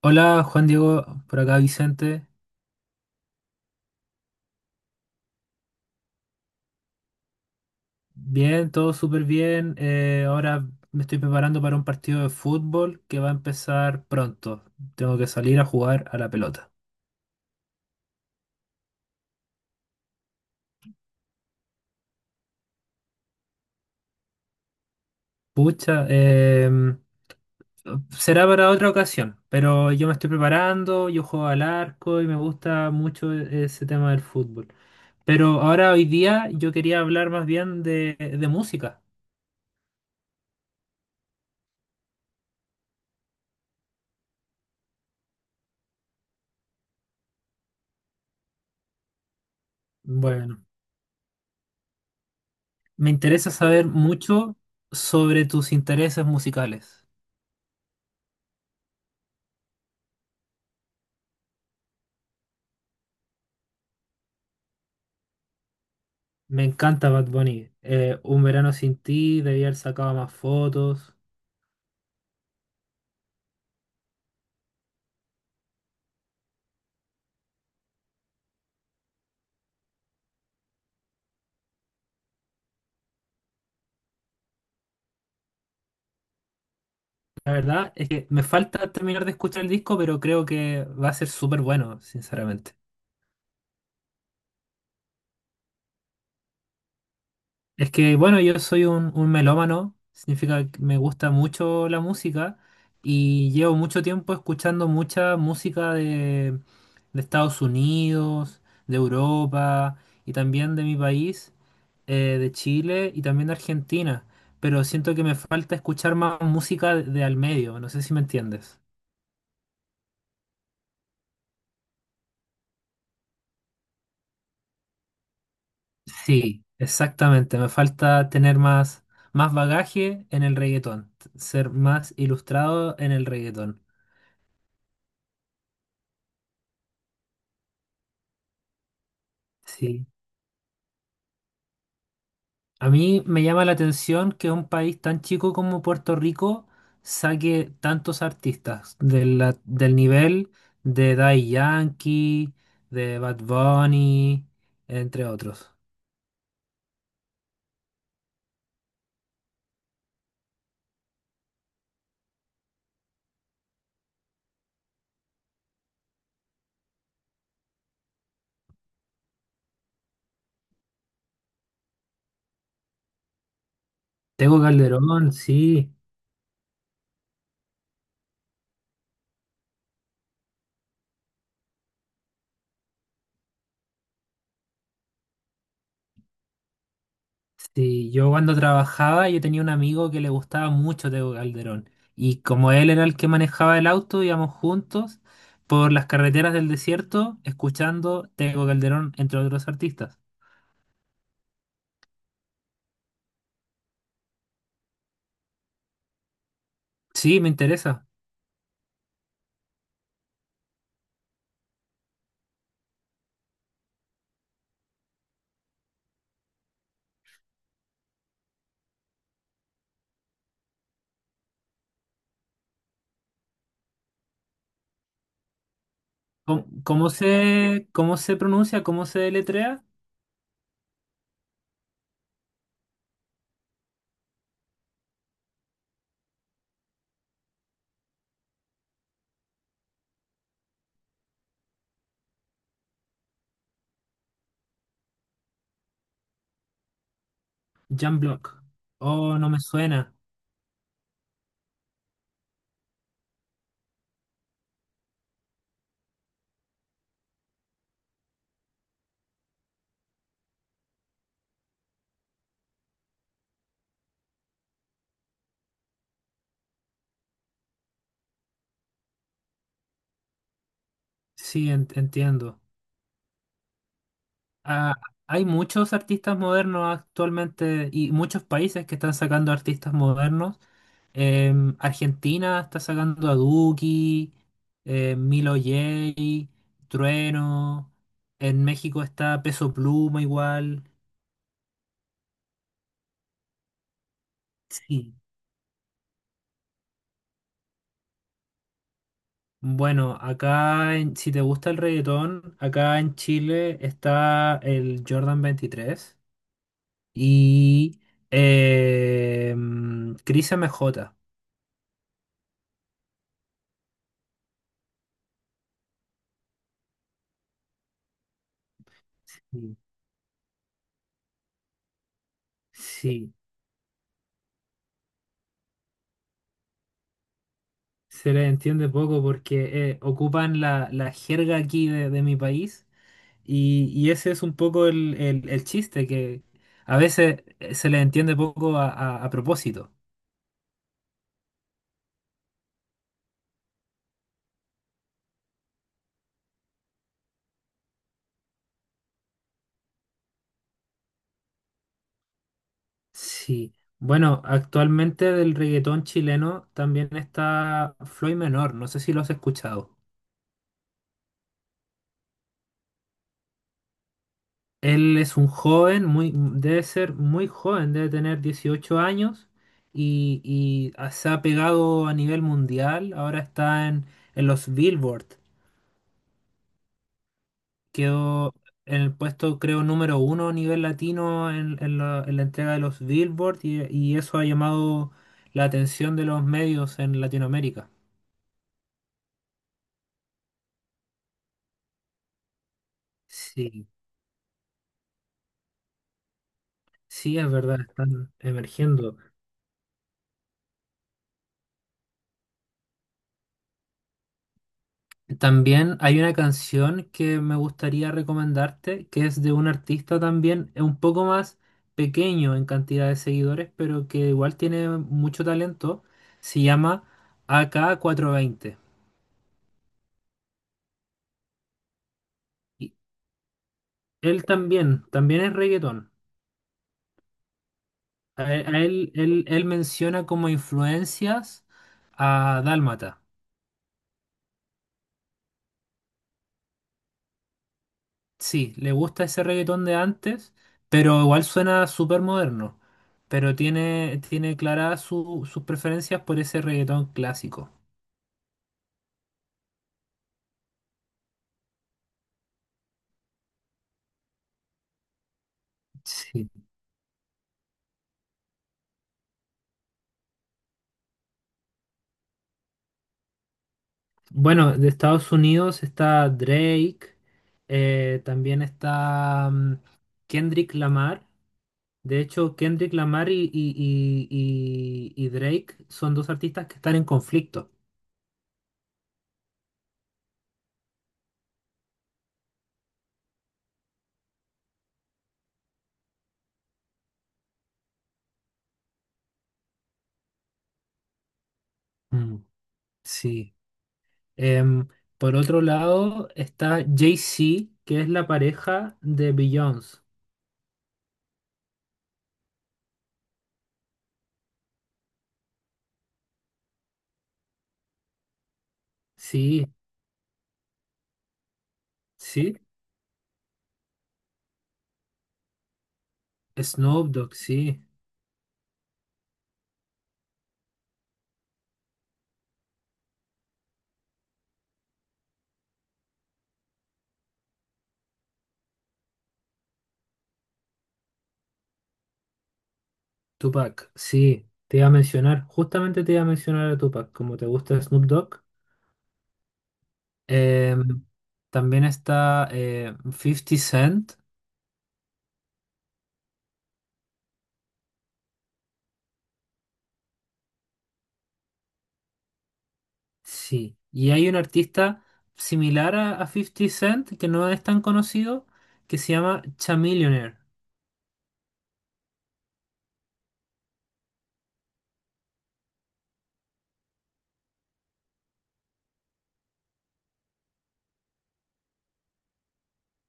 Hola Juan Diego, por acá Vicente. Bien, todo súper bien. Ahora me estoy preparando para un partido de fútbol que va a empezar pronto. Tengo que salir a jugar a la pelota. Pucha, será para otra ocasión, pero yo me estoy preparando, yo juego al arco y me gusta mucho ese tema del fútbol. Pero ahora hoy día yo quería hablar más bien de música. Bueno. Me interesa saber mucho sobre tus intereses musicales. Me encanta Bad Bunny. Un verano sin ti, debía haber sacado más fotos. La verdad es que me falta terminar de escuchar el disco, pero creo que va a ser súper bueno, sinceramente. Es que, bueno, yo soy un melómano, significa que me gusta mucho la música y llevo mucho tiempo escuchando mucha música de Estados Unidos, de Europa y también de mi país. Eh, de Chile y también de Argentina, pero siento que me falta escuchar más música de al medio, no sé si me entiendes. Sí, exactamente, me falta tener más bagaje en el reggaetón, ser más ilustrado en el reggaetón. Sí, a mí me llama la atención que un país tan chico como Puerto Rico saque tantos artistas de del nivel de Daddy Yankee, de Bad Bunny, entre otros. Tengo Calderón, sí. Sí, yo cuando trabajaba yo tenía un amigo que le gustaba mucho Tego Calderón y como él era el que manejaba el auto, íbamos juntos por las carreteras del desierto escuchando Tego Calderón entre otros artistas. Sí, me interesa. ¿ Cómo se pronuncia? ¿Cómo se deletrea? Jan Block. Oh, no me suena. Sí, entiendo. Ah, hay muchos artistas modernos actualmente y muchos países que están sacando artistas modernos. Em, Argentina está sacando a Duki, Milo J, Trueno. En México está Peso Pluma igual. Sí. Bueno, acá, si te gusta el reggaetón, acá en Chile está el Jordan veintitrés y eh, Cris MJ. Sí. Sí. Se les entiende poco porque ocupan la jerga aquí de mi país y ese es un poco el, el chiste, que a veces se les entiende poco a, a propósito. Sí. Bueno, actualmente del reggaetón chileno también está Floyd Menor, no sé si lo has escuchado. Él es un joven, muy, mm, debe ser muy joven, debe tener 18 años y ah, se ha pegado a nivel mundial, ahora está en los Billboard. Quedó en el puesto, creo, número uno a nivel latino en, en la entrega de los Billboard y eso ha llamado la atención de los medios en Latinoamérica. Sí, sí, es verdad, están emergiendo. También hay una canción que me gustaría recomendarte, que es de un artista también, es un poco más pequeño en cantidad de seguidores, pero que igual tiene mucho talento. Se llama ak veinte. Y él también, también es reggaetón. A él, él menciona como influencias a Dálmata. Sí, le gusta ese reggaetón de antes, pero igual suena súper moderno. Pero tiene, tiene claras sus preferencias por ese reggaetón clásico. Sí. Bueno, de Estados Unidos está Drake, también está Kendrick Lamar. De hecho, Kendrick Lamar y Drake son dos artistas que están en conflicto. Mm, sí. Em, por otro lado está Jay-Z, que es la pareja de Beyoncé. Sí, sí. Snoop Dogg, sí. Tupac, sí. Te iba a mencionar, justamente te iba a mencionar a Tupac, como te gusta Snoop Dogg. Em, también está 50 Cent, sí. Y hay un artista similar a 50 Cent, que no es tan conocido, que se llama Chamillionaire.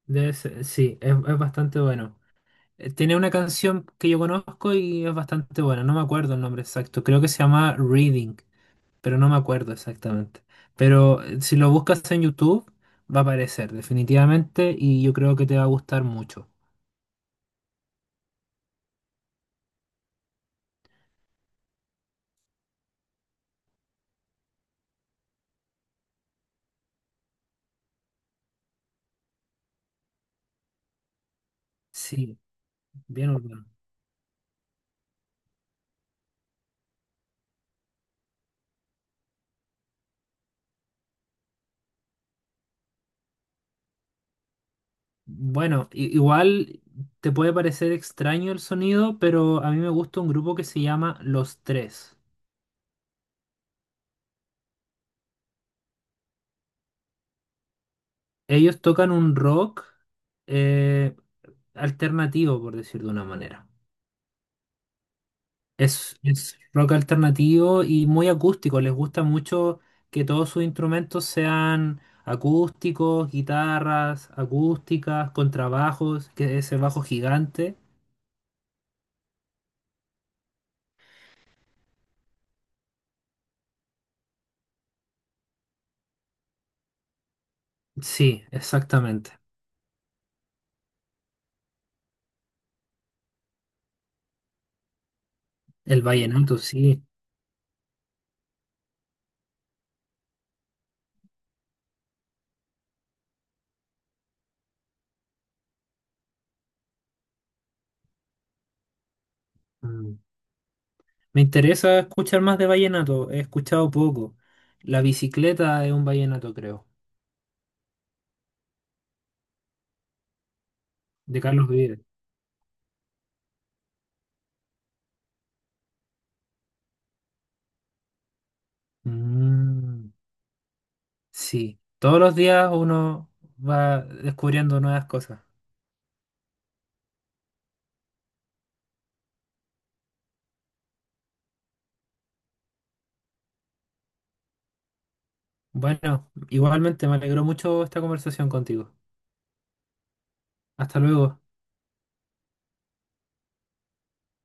Sí, es bastante bueno. Tiene una canción que yo conozco y es bastante buena, no me acuerdo el nombre exacto, creo que se llama Reading, pero no me acuerdo exactamente. Pero si lo buscas en YouTube, va a aparecer definitivamente y yo creo que te va a gustar mucho. Sí, bien urbano. Bueno, igual te puede parecer extraño el sonido, pero a mí me gusta un grupo que se llama Los Tres. Ellos tocan un rock eh, alternativo, por decir de una manera. Es rock alternativo y muy acústico. Les gusta mucho que todos sus instrumentos sean acústicos, guitarras acústicas, contrabajos, que ese bajo gigante. Sí, exactamente. El vallenato, sí. Mm. Me interesa escuchar más de vallenato. He escuchado poco. La bicicleta es un vallenato, creo, de Carlos Vives. Mm, sí. Todos los días uno va descubriendo nuevas cosas. Bueno, igualmente me alegró mucho esta conversación contigo. Hasta luego.